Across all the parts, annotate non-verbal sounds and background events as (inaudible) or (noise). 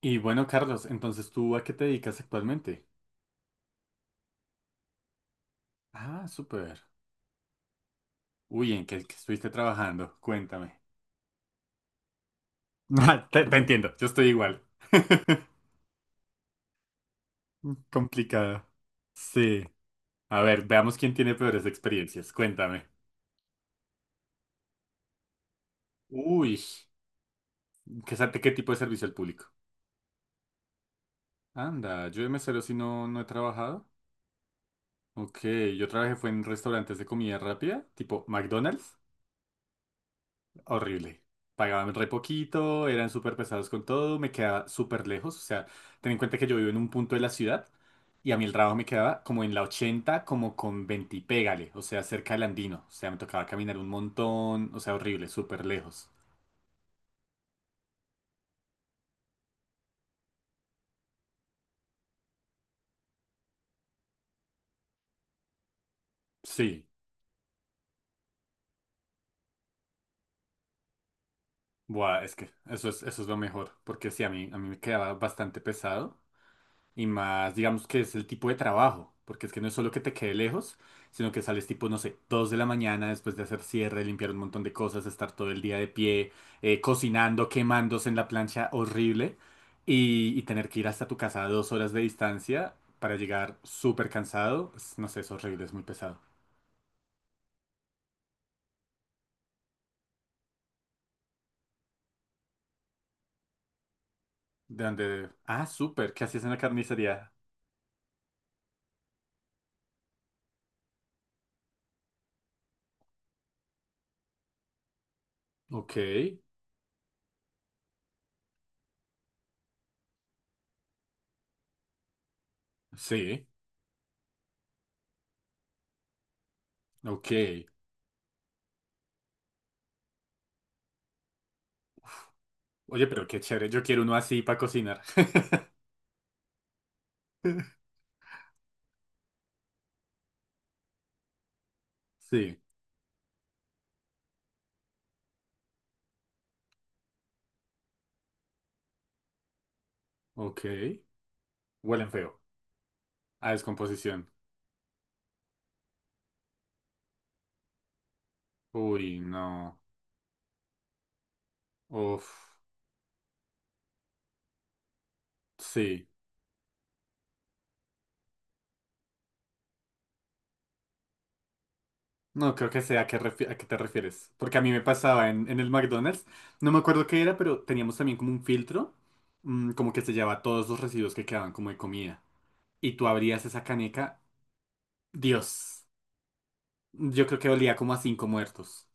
Y bueno, Carlos, entonces ¿tú a qué te dedicas actualmente? Ah, súper. Uy, ¿en qué estuviste trabajando? Cuéntame. (laughs) Ah, Te entiendo, yo estoy igual. (laughs) Complicado. Sí. A ver, veamos quién tiene peores experiencias. Cuéntame. Uy, ¿qué tipo de servicio al público? Anda, yo de mesero sí no he trabajado. Ok, yo trabajé fue en restaurantes de comida rápida, tipo McDonald's. Horrible. Pagaban re poquito, eran súper pesados con todo, me quedaba súper lejos. O sea, ten en cuenta que yo vivo en un punto de la ciudad y a mí el trabajo me quedaba como en la 80 como con 20 y pégale, o sea, cerca del Andino. O sea, me tocaba caminar un montón, o sea, horrible, súper lejos. Sí, buah, es que eso es lo mejor, porque sí, a mí me quedaba bastante pesado. Y más, digamos que es el tipo de trabajo, porque es que no es solo que te quede lejos, sino que sales tipo, no sé, 2 de la mañana después de hacer cierre, limpiar un montón de cosas, estar todo el día de pie, cocinando, quemándose en la plancha horrible y tener que ir hasta tu casa a 2 horas de distancia para llegar súper cansado. No sé, es horrible, es muy pesado. ¿De dónde? Ah, súper, ¿qué hacías en la carnicería? Ok, sí, ok. Oye, pero qué chévere, yo quiero uno así para cocinar. (laughs) Sí, ok. Huelen feo. A descomposición. Uy, no. Uf, sí. No creo que sea a qué te refieres. Porque a mí me pasaba en el McDonald's. No me acuerdo qué era, pero teníamos también como un filtro. Como que se llevaba todos los residuos que quedaban como de comida. Y tú abrías esa caneca. Dios. Yo creo que olía como a cinco muertos.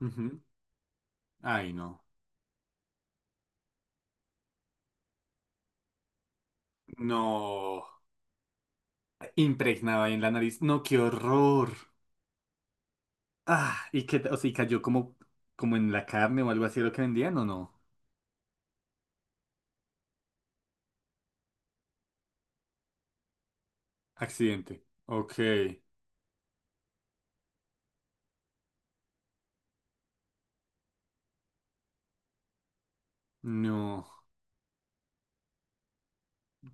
Ujú. Ay, no. No. Impregnaba ahí en la nariz. No, qué horror. Ah, y que, o sea, y cayó como en la carne o algo así lo que vendían, ¿o no? Accidente. Ok. No.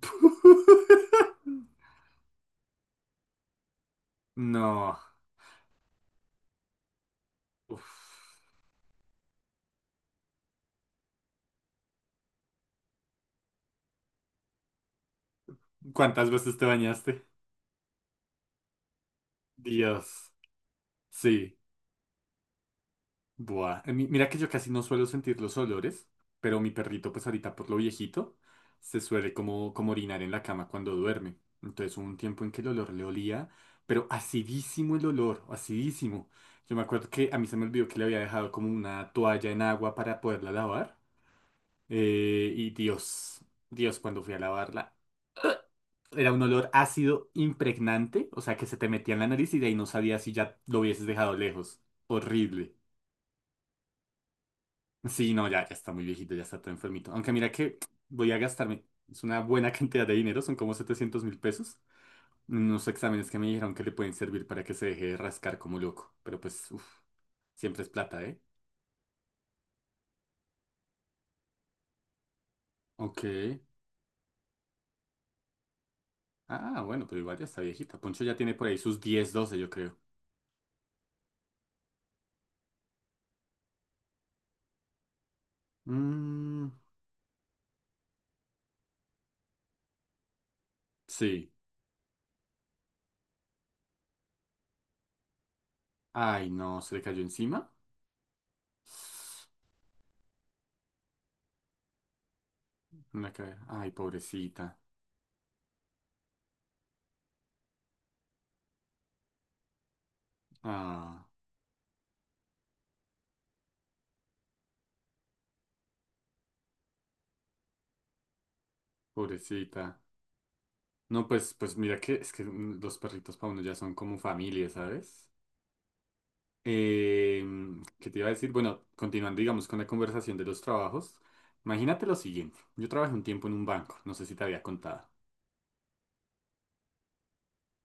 (laughs) No. Uf. ¿Cuántas veces te bañaste? Dios. Sí. Buah. Mira que yo casi no suelo sentir los olores, pero mi perrito, pues ahorita por lo viejito, se suele como orinar en la cama cuando duerme. Entonces hubo un tiempo en que el olor le olía, pero acidísimo el olor, acidísimo. Yo me acuerdo que a mí se me olvidó que le había dejado como una toalla en agua para poderla lavar. Y Dios, Dios, cuando fui a lavarla, era un olor ácido impregnante, o sea que se te metía en la nariz y de ahí no sabía si ya lo hubieses dejado lejos. Horrible. Sí, no, ya está muy viejito, ya está todo enfermito. Aunque mira que voy a gastarme, es una buena (laughs) cantidad de dinero, son como 700.000 pesos. En unos exámenes que me dijeron que le pueden servir para que se deje de rascar como loco. Pero pues, uff, siempre es plata, ¿eh? Ok. Ah, bueno, pero igual ya está viejita. Poncho ya tiene por ahí sus diez doce yo creo. Mm, sí. Ay, no, se le cayó encima. En la cabeza. Ay, pobrecita. Ah, pobrecita. No, pues mira que es que los perritos para uno ya son como familia, ¿sabes? Eh, ¿Qué te iba a decir? Bueno, continuando, digamos, con la conversación de los trabajos. Imagínate lo siguiente. Yo trabajé un tiempo en un banco, no sé si te había contado,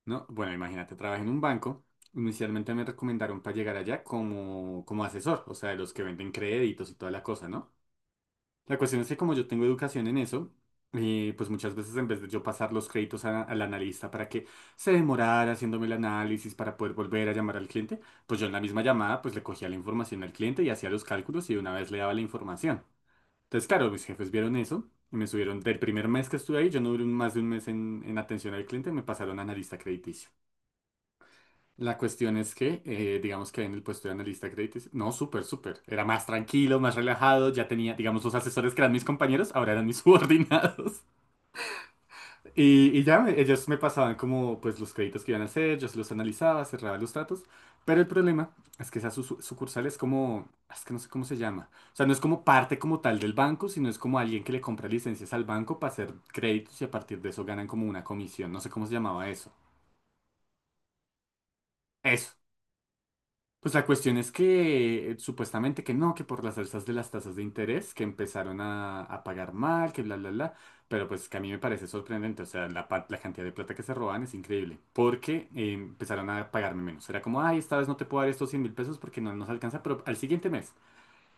¿no? Bueno, imagínate, trabajé en un banco. Inicialmente me recomendaron para llegar allá como, como asesor, o sea, de los que venden créditos y toda la cosa, ¿no? La cuestión es que como yo tengo educación en eso, pues muchas veces en vez de yo pasar los créditos al analista para que se demorara haciéndome el análisis para poder volver a llamar al cliente, pues yo en la misma llamada pues le cogía la información al cliente y hacía los cálculos y de una vez le daba la información. Entonces, claro, mis jefes vieron eso y me subieron del primer mes que estuve ahí, yo no duré más de un mes en atención al cliente, me pasaron a analista crediticio. La cuestión es que, digamos que en el puesto de analista de créditos, no, súper, súper. Era más tranquilo, más relajado. Ya tenía, digamos, los asesores que eran mis compañeros, ahora eran mis (laughs) subordinados. Y ya ellos me pasaban como, pues, los créditos que iban a hacer, yo se los analizaba, cerraba los tratos. Pero el problema es que esa sucursal es que no sé cómo se llama. O sea, no es como parte como tal del banco, sino es como alguien que le compra licencias al banco para hacer créditos y a partir de eso ganan como una comisión. No sé cómo se llamaba eso. Eso. Pues la cuestión es que supuestamente que no, que por las alzas de las tasas de interés que empezaron a pagar mal, que bla, bla, bla, pero pues que a mí me parece sorprendente, o sea, la cantidad de plata que se roban es increíble, porque empezaron a pagarme menos, era como, ay, esta vez no te puedo dar estos 100.000 pesos porque no nos alcanza, pero al siguiente mes,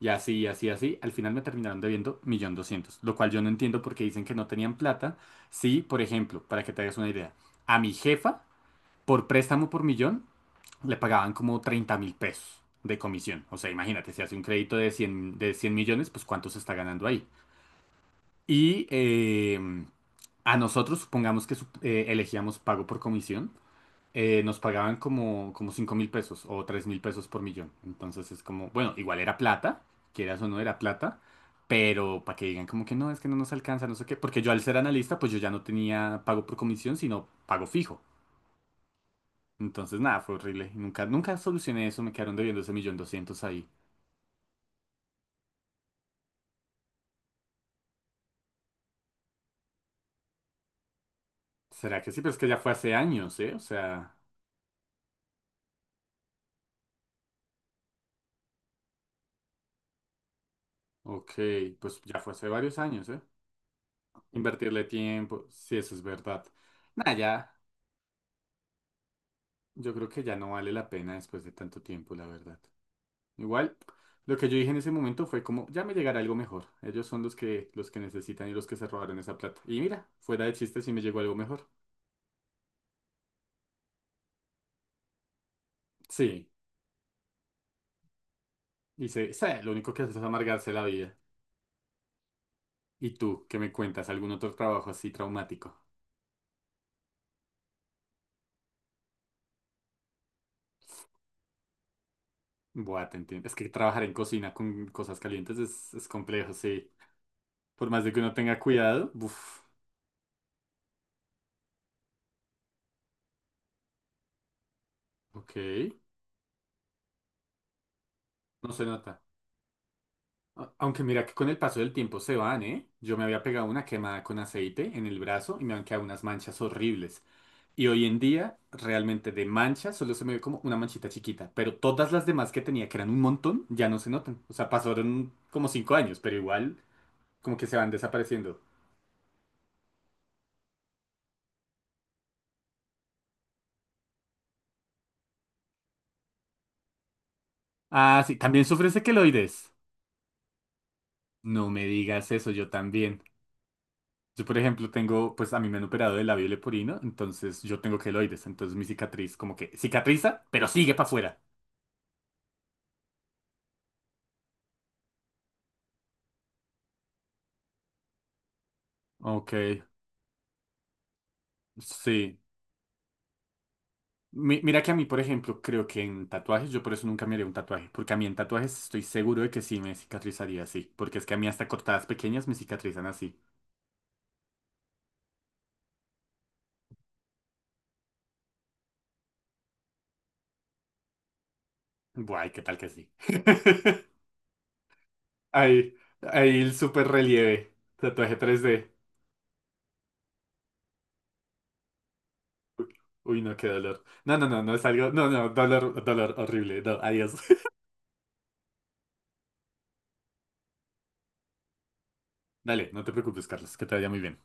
y así, así, así, al final me terminaron debiendo 1.200.000, lo cual yo no entiendo porque dicen que no tenían plata, si, por ejemplo, para que te hagas una idea, a mi jefa, por préstamo por millón le pagaban como 30.000 pesos de comisión. O sea, imagínate, si hace un crédito de cien millones, pues cuánto se está ganando ahí. Y a nosotros, supongamos que elegíamos pago por comisión, nos pagaban como 5.000 pesos o 3.000 pesos por millón. Entonces es como, bueno, igual era plata, quieras o no era plata. Pero para que digan como que no, es que no nos alcanza, no sé qué, porque yo al ser analista, pues yo ya no tenía pago por comisión, sino pago fijo. Entonces, nada, fue horrible. Y nunca solucioné eso, me quedaron debiendo ese 1.200.000 ahí. ¿Será que sí? Pero es que ya fue hace años, ¿eh? O sea, ok, pues ya fue hace varios años, ¿eh? Invertirle tiempo, sí, eso es verdad. Nada, ya, yo creo que ya no vale la pena después de tanto tiempo, la verdad. Igual, lo que yo dije en ese momento fue como, ya me llegará algo mejor. Ellos son los que, necesitan y los que se robaron esa plata. Y mira, fuera de chistes sí me llegó algo mejor. Sí, y sé, lo único que hace es amargarse la vida. ¿Y tú qué me cuentas? ¿Algún otro trabajo así traumático? Buah, te entiendo. Es que trabajar en cocina con cosas calientes es complejo, sí. Por más de que uno tenga cuidado, uff, ok, no se nota. Aunque mira que con el paso del tiempo se van, ¿eh? Yo me había pegado una quemada con aceite en el brazo y me han quedado unas manchas horribles. Y hoy en día, realmente de manchas solo se me ve como una manchita chiquita. Pero todas las demás que tenía, que eran un montón, ya no se notan. O sea, pasaron como 5 años, pero igual como que se van desapareciendo. Ah, sí, también sufres de queloides. No me digas eso, yo también. Yo, por ejemplo, tengo, pues a mí me han operado del labio leporino, entonces yo tengo queloides, entonces mi cicatriz como que cicatriza, pero sigue para afuera. Ok, sí. Mira que a mí, por ejemplo, creo que en tatuajes, yo por eso nunca me haría un tatuaje, porque a mí en tatuajes estoy seguro de que sí me cicatrizaría así, porque es que a mí hasta cortadas pequeñas me cicatrizan así. Guay, ¿qué tal que sí? (laughs) Ahí, ahí el super relieve, tatuaje 3D. Uy, no, qué dolor. No, no, no, no es algo. No, no, dolor, dolor horrible. No, adiós. (laughs) Dale, no te preocupes, Carlos, que te vaya muy bien.